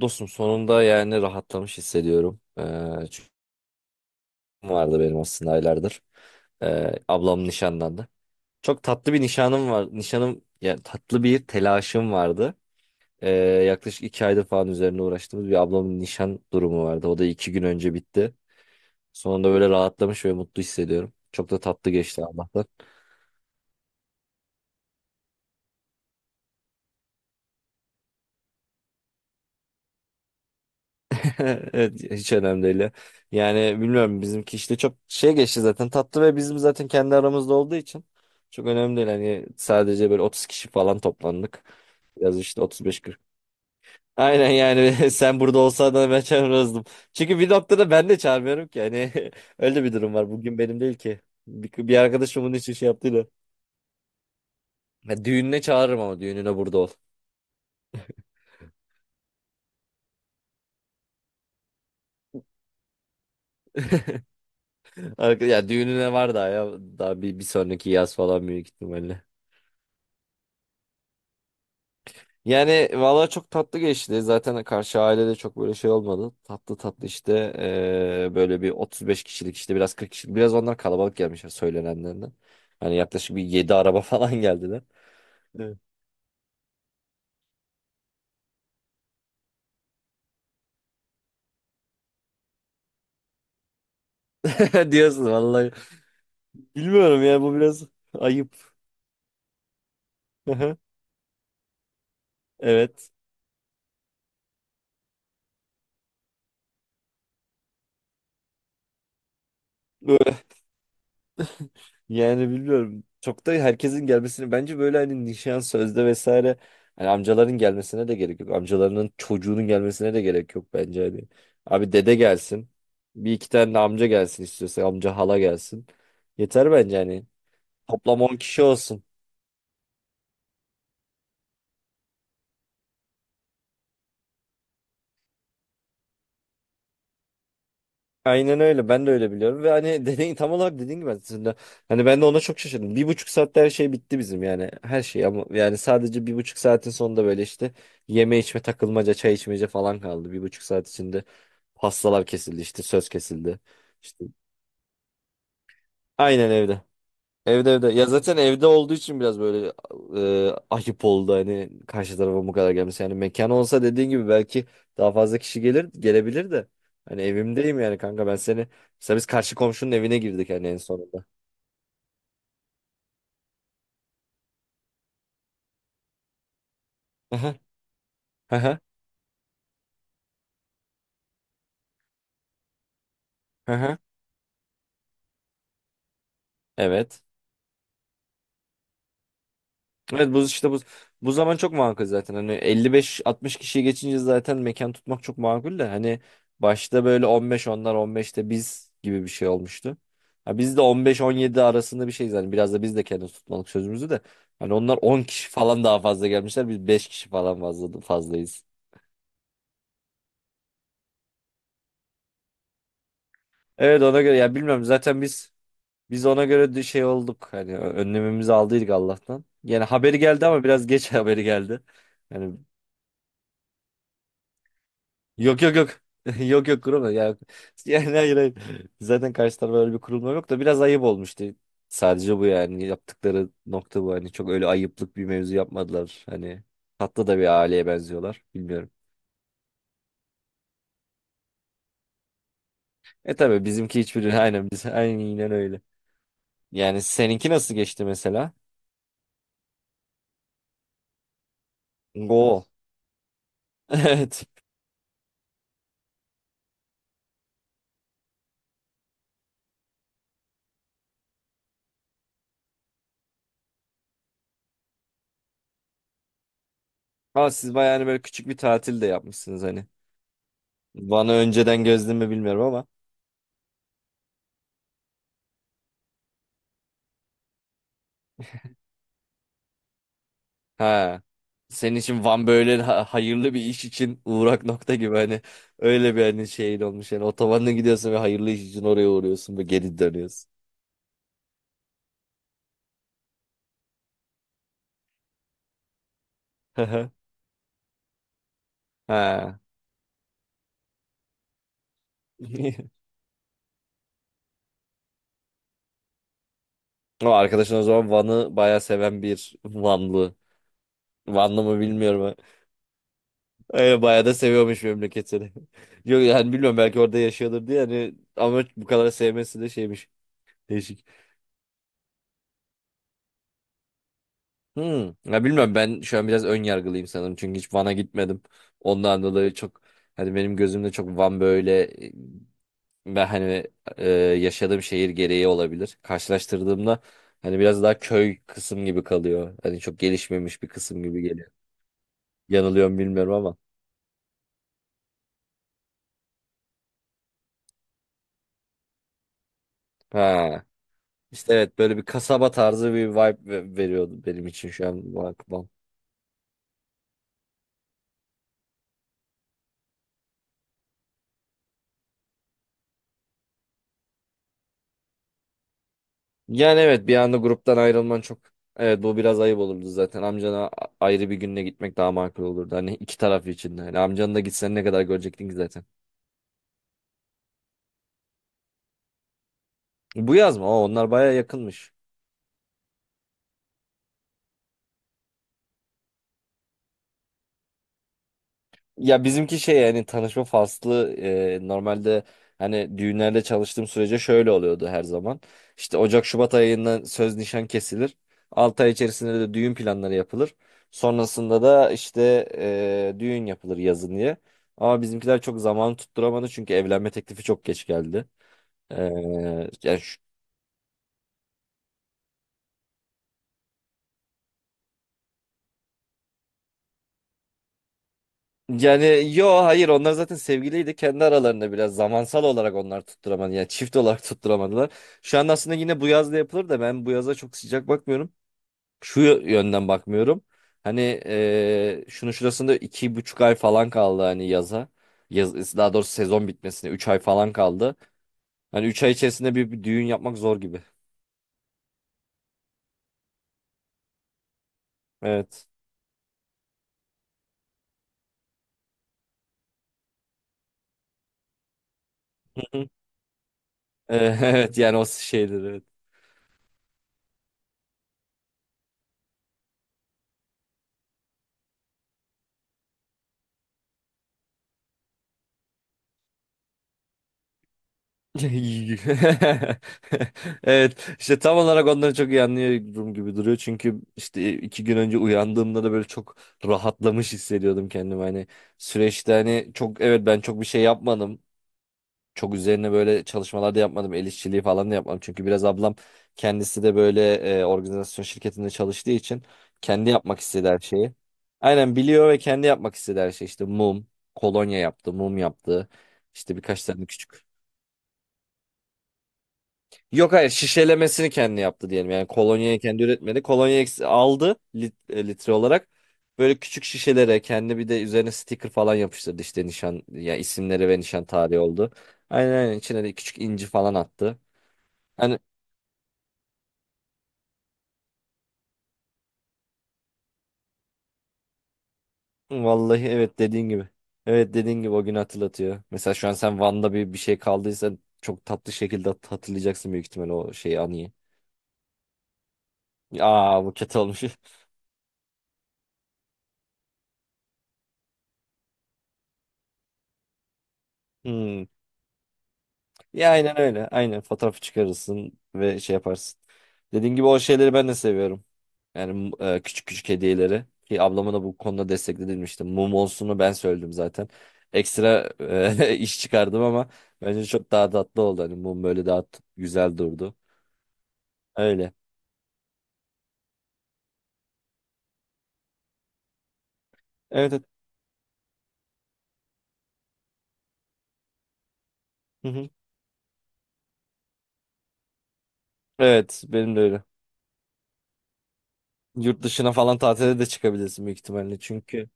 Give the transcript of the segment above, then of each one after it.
Dostum, sonunda yani rahatlamış hissediyorum. Çünkü vardı benim aslında aylardır. Ablam nişanlandı. Çok tatlı bir nişanım var. Nişanım yani tatlı bir telaşım vardı. Ee, yaklaşık iki aydır falan üzerine uğraştığımız bir ablamın nişan durumu vardı. O da iki gün önce bitti. Sonunda böyle rahatlamış ve mutlu hissediyorum. Çok da tatlı geçti Allah'tan. Evet, hiç önemli değil, ya. Yani bilmiyorum, bizimki işte çok şey geçti zaten, tatlı ve bizim zaten kendi aramızda olduğu için çok önemli değil. Hani sadece böyle 30 kişi falan toplandık. Biraz işte 35-40. Aynen yani, sen burada olsan da ben çağırırdım. Çünkü bir noktada ben de çağırmıyorum ki. Hani öyle bir durum var. Bugün benim değil ki. Bir arkadaşım bunun için şey yaptıydı. Ya düğününe çağırırım ama düğününe burada ol. Ya düğününe var daha ya. Daha bir sonraki yaz falan büyük ihtimalle. Yani valla çok tatlı geçti. Zaten karşı ailede çok böyle şey olmadı. Tatlı tatlı işte, böyle bir 35 kişilik, işte biraz 40 kişilik. Biraz onlar kalabalık gelmişler söylenenlerden. Hani yaklaşık bir 7 araba falan geldiler. Evet. Diyorsun vallahi. Bilmiyorum ya, bu biraz ayıp. Evet. Yani bilmiyorum. Çok da herkesin gelmesini bence böyle, hani nişan sözde vesaire, hani amcaların gelmesine de gerek yok. Amcalarının çocuğunun gelmesine de gerek yok bence hani. Abi dede gelsin. Bir iki tane de amca gelsin, istiyorsa amca hala gelsin. Yeter bence hani. Toplam 10 kişi olsun. Aynen öyle. Ben de öyle biliyorum. Ve hani, dediğin, tam olarak dediğin gibi aslında. Hani ben de ona çok şaşırdım. Bir buçuk saatte her şey bitti bizim yani. Her şey, ama yani sadece bir buçuk saatin sonunda böyle işte yeme içme takılmaca çay içmece falan kaldı. Bir buçuk saat içinde pastalar kesildi, işte söz kesildi. İşte aynen evde. Evde, evde. Ya zaten evde olduğu için biraz böyle ayıp oldu, hani karşı tarafa bu kadar gelmesi. Yani mekan olsa, dediğin gibi belki daha fazla kişi gelir, gelebilir de. Hani evimdeyim yani, kanka ben seni. Mesela biz karşı komşunun evine girdik hani en sonunda. Aha, aha, aha. Evet. Evet, bu işte bu zaman çok makul zaten. Hani 55-60 kişiyi geçince zaten mekan tutmak çok makul de hani, başta böyle 15 onlar 15'te biz gibi bir şey olmuştu. Ha, biz de 15-17 arasında bir şeyiz hani, biraz da biz de kendimiz tutmalık sözümüzü de. Hani onlar 10 kişi falan daha fazla gelmişler. Biz 5 kişi falan fazla fazlayız. Evet, ona göre ya, bilmiyorum, zaten biz ona göre de şey olduk. Hani önlemimizi aldıydık Allah'tan. Yani haberi geldi ama biraz geç haberi geldi. Yani yok yok yok. Yok yok, kurulma ya. Yani hayır hayır. Zaten karşı tarafa öyle bir kurulma yok da biraz ayıp olmuştu. Sadece bu yani, yaptıkları nokta bu. Hani çok öyle ayıplık bir mevzu yapmadılar. Hani tatlı da bir aileye benziyorlar. Bilmiyorum. E tabii, bizimki hiçbiri, aynen biz aynen öyle. Yani seninki nasıl geçti mesela? Go. Evet. Ama siz bayağı hani böyle küçük bir tatil de yapmışsınız hani. Bana önceden gözlemi bilmiyorum ama. Ha. Senin için Van böyle hayırlı bir iş için uğrak nokta gibi hani, öyle bir hani şeyin olmuş yani, otobanla gidiyorsun ve hayırlı iş için oraya uğruyorsun ve geri dönüyorsun. Ha. O arkadaşın o zaman Van'ı bayağı seven bir Vanlı. Vanlı mı bilmiyorum ha. Öyle bayağı da seviyormuş memleketini. Yok yani, bilmiyorum, belki orada yaşıyordur diye hani, ama bu kadar sevmesi de şeymiş. Değişik. Hmm. Ya bilmiyorum, ben şu an biraz ön yargılıyım sanırım. Çünkü hiç Van'a gitmedim. Ondan dolayı çok, hani benim gözümde çok Van böyle, e, ben hani, yaşadığım şehir gereği olabilir. Karşılaştırdığımda hani biraz daha köy kısım gibi kalıyor. Hani çok gelişmemiş bir kısım gibi geliyor. Yanılıyorum bilmiyorum ama. Ha. İşte evet, böyle bir kasaba tarzı bir vibe veriyordu benim için şu an Van. Yani evet, bir anda gruptan ayrılman çok, evet bu biraz ayıp olurdu zaten. Amcana ayrı bir günle gitmek daha makul olurdu. Hani iki taraf için de. Hani amcanı da gitsen ne kadar görecektin ki zaten. Bu yaz mı? Aa, onlar baya yakınmış. Ya bizimki şey yani, tanışma faslı, normalde hani düğünlerde çalıştığım sürece şöyle oluyordu her zaman. İşte Ocak Şubat ayından söz nişan kesilir. 6 ay içerisinde de düğün planları yapılır. Sonrasında da işte düğün yapılır yazın diye. Ama bizimkiler çok zaman tutturamadı çünkü evlenme teklifi çok geç geldi. E, yani Yani yo hayır, onlar zaten sevgiliydi. Kendi aralarında biraz zamansal olarak onlar tutturamadı. Yani çift olarak tutturamadılar. Şu an aslında yine bu yaz da yapılır da, ben bu yaza çok sıcak bakmıyorum. Şu yönden bakmıyorum. Hani şunu şurasında iki buçuk ay falan kaldı hani yaza. Yaz, daha doğrusu sezon bitmesine üç ay falan kaldı. Hani üç ay içerisinde bir düğün yapmak zor gibi. Evet. Hı. Evet yani o şeyleri. Evet işte, tam olarak onları çok iyi anlıyorum gibi duruyor çünkü işte iki gün önce uyandığımda da böyle çok rahatlamış hissediyordum kendimi, hani süreçte hani çok, evet ben çok bir şey yapmadım, çok üzerine böyle çalışmalar da yapmadım, el işçiliği falan da yapmadım çünkü biraz ablam kendisi de böyle organizasyon şirketinde çalıştığı için kendi yapmak istediği her şeyi aynen biliyor ve kendi yapmak istediği her şey işte mum, kolonya yaptı, mum yaptı, işte birkaç tane küçük. Yok hayır, şişelemesini kendi yaptı diyelim. Yani kolonyayı kendi üretmedi. Kolonyayı aldı, litre olarak. Böyle küçük şişelere kendi, bir de üzerine sticker falan yapıştırdı, işte nişan ya, isimleri ve nişan tarihi oldu. Aynen aynen, içine de küçük inci falan attı. Hani vallahi evet, dediğin gibi. Evet, dediğin gibi o günü hatırlatıyor. Mesela şu an sen Van'da bir şey kaldıysa çok tatlı şekilde hatırlayacaksın büyük ihtimalle o şeyi, anıyı. Aa, bu kötü olmuş. Hmm. Ya aynen öyle. Aynen fotoğrafı çıkarırsın ve şey yaparsın. Dediğim gibi o şeyleri ben de seviyorum. Yani küçük küçük hediyeleri. Ki ablama da bu konuda destekledilmişti. Mum olsunu ben söyledim zaten. Ekstra iş çıkardım ama bence çok daha tatlı oldu. Hani mum böyle daha güzel durdu. Öyle. Evet. Evet. Hı hı. Evet, benim de öyle. Yurt dışına falan tatile de çıkabilirsin büyük ihtimalle. Çünkü.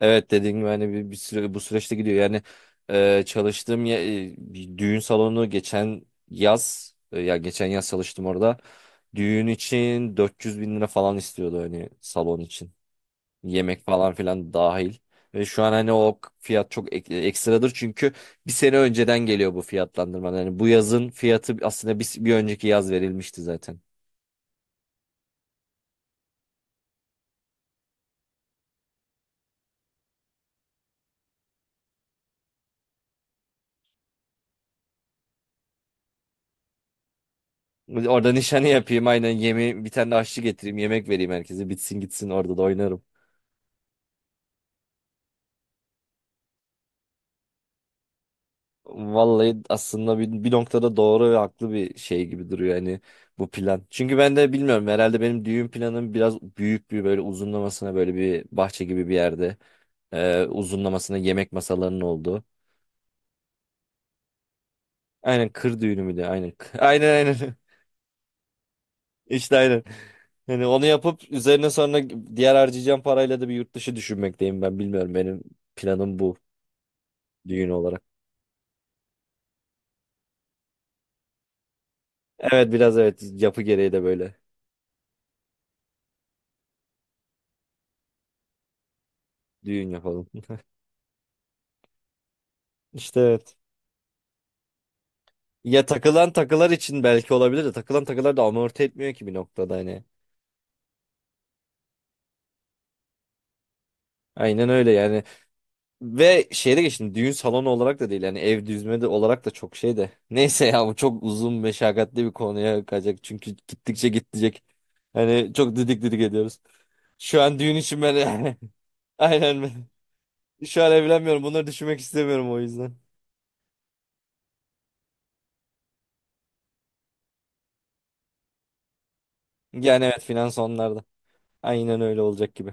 Evet, dediğim gibi hani bir süre bu süreçte gidiyor. Yani çalıştığım bir düğün salonu geçen yaz, ya geçen yaz çalıştım orada. Düğün için 400 bin lira falan istiyordu hani salon için. Yemek falan filan dahil. Ve şu an hani o fiyat çok ekstradır çünkü bir sene önceden geliyor bu fiyatlandırma. Yani bu yazın fiyatı aslında bir önceki yaz verilmişti zaten. Orada nişanı yapayım aynen, yemeği bir tane de aşçı getireyim, yemek vereyim herkese, bitsin gitsin, orada da oynarım. Vallahi aslında bir noktada doğru ve haklı bir şey gibi duruyor hani bu plan. Çünkü ben de bilmiyorum, herhalde benim düğün planım biraz büyük, bir böyle uzunlamasına, böyle bir bahçe gibi bir yerde, uzunlamasına yemek masalarının olduğu. Aynen, kır düğünü müydü? Aynen. Aynen aynen. İşte aynen. Hani onu yapıp üzerine sonra diğer harcayacağım parayla da bir yurt dışı düşünmekteyim ben, bilmiyorum benim planım bu, düğün olarak. Evet biraz, evet yapı gereği de böyle düğün yapalım. İşte evet. Ya takılan takılar için belki olabilir de, takılan takılar da amorti etmiyor ki bir noktada hani. Aynen öyle yani. Ve şeyde geçtim, düğün salonu olarak da değil yani, ev düzme de olarak da çok şey de. Neyse ya, bu çok uzun meşakkatli bir konuya kaçacak çünkü gittikçe gidecek. Hani çok didik didik ediyoruz. Şu an düğün için ben, aynen ben. Şu an evlenmiyorum, bunları düşünmek istemiyorum o yüzden. Yani evet, finans onlarda. Aynen öyle olacak gibi.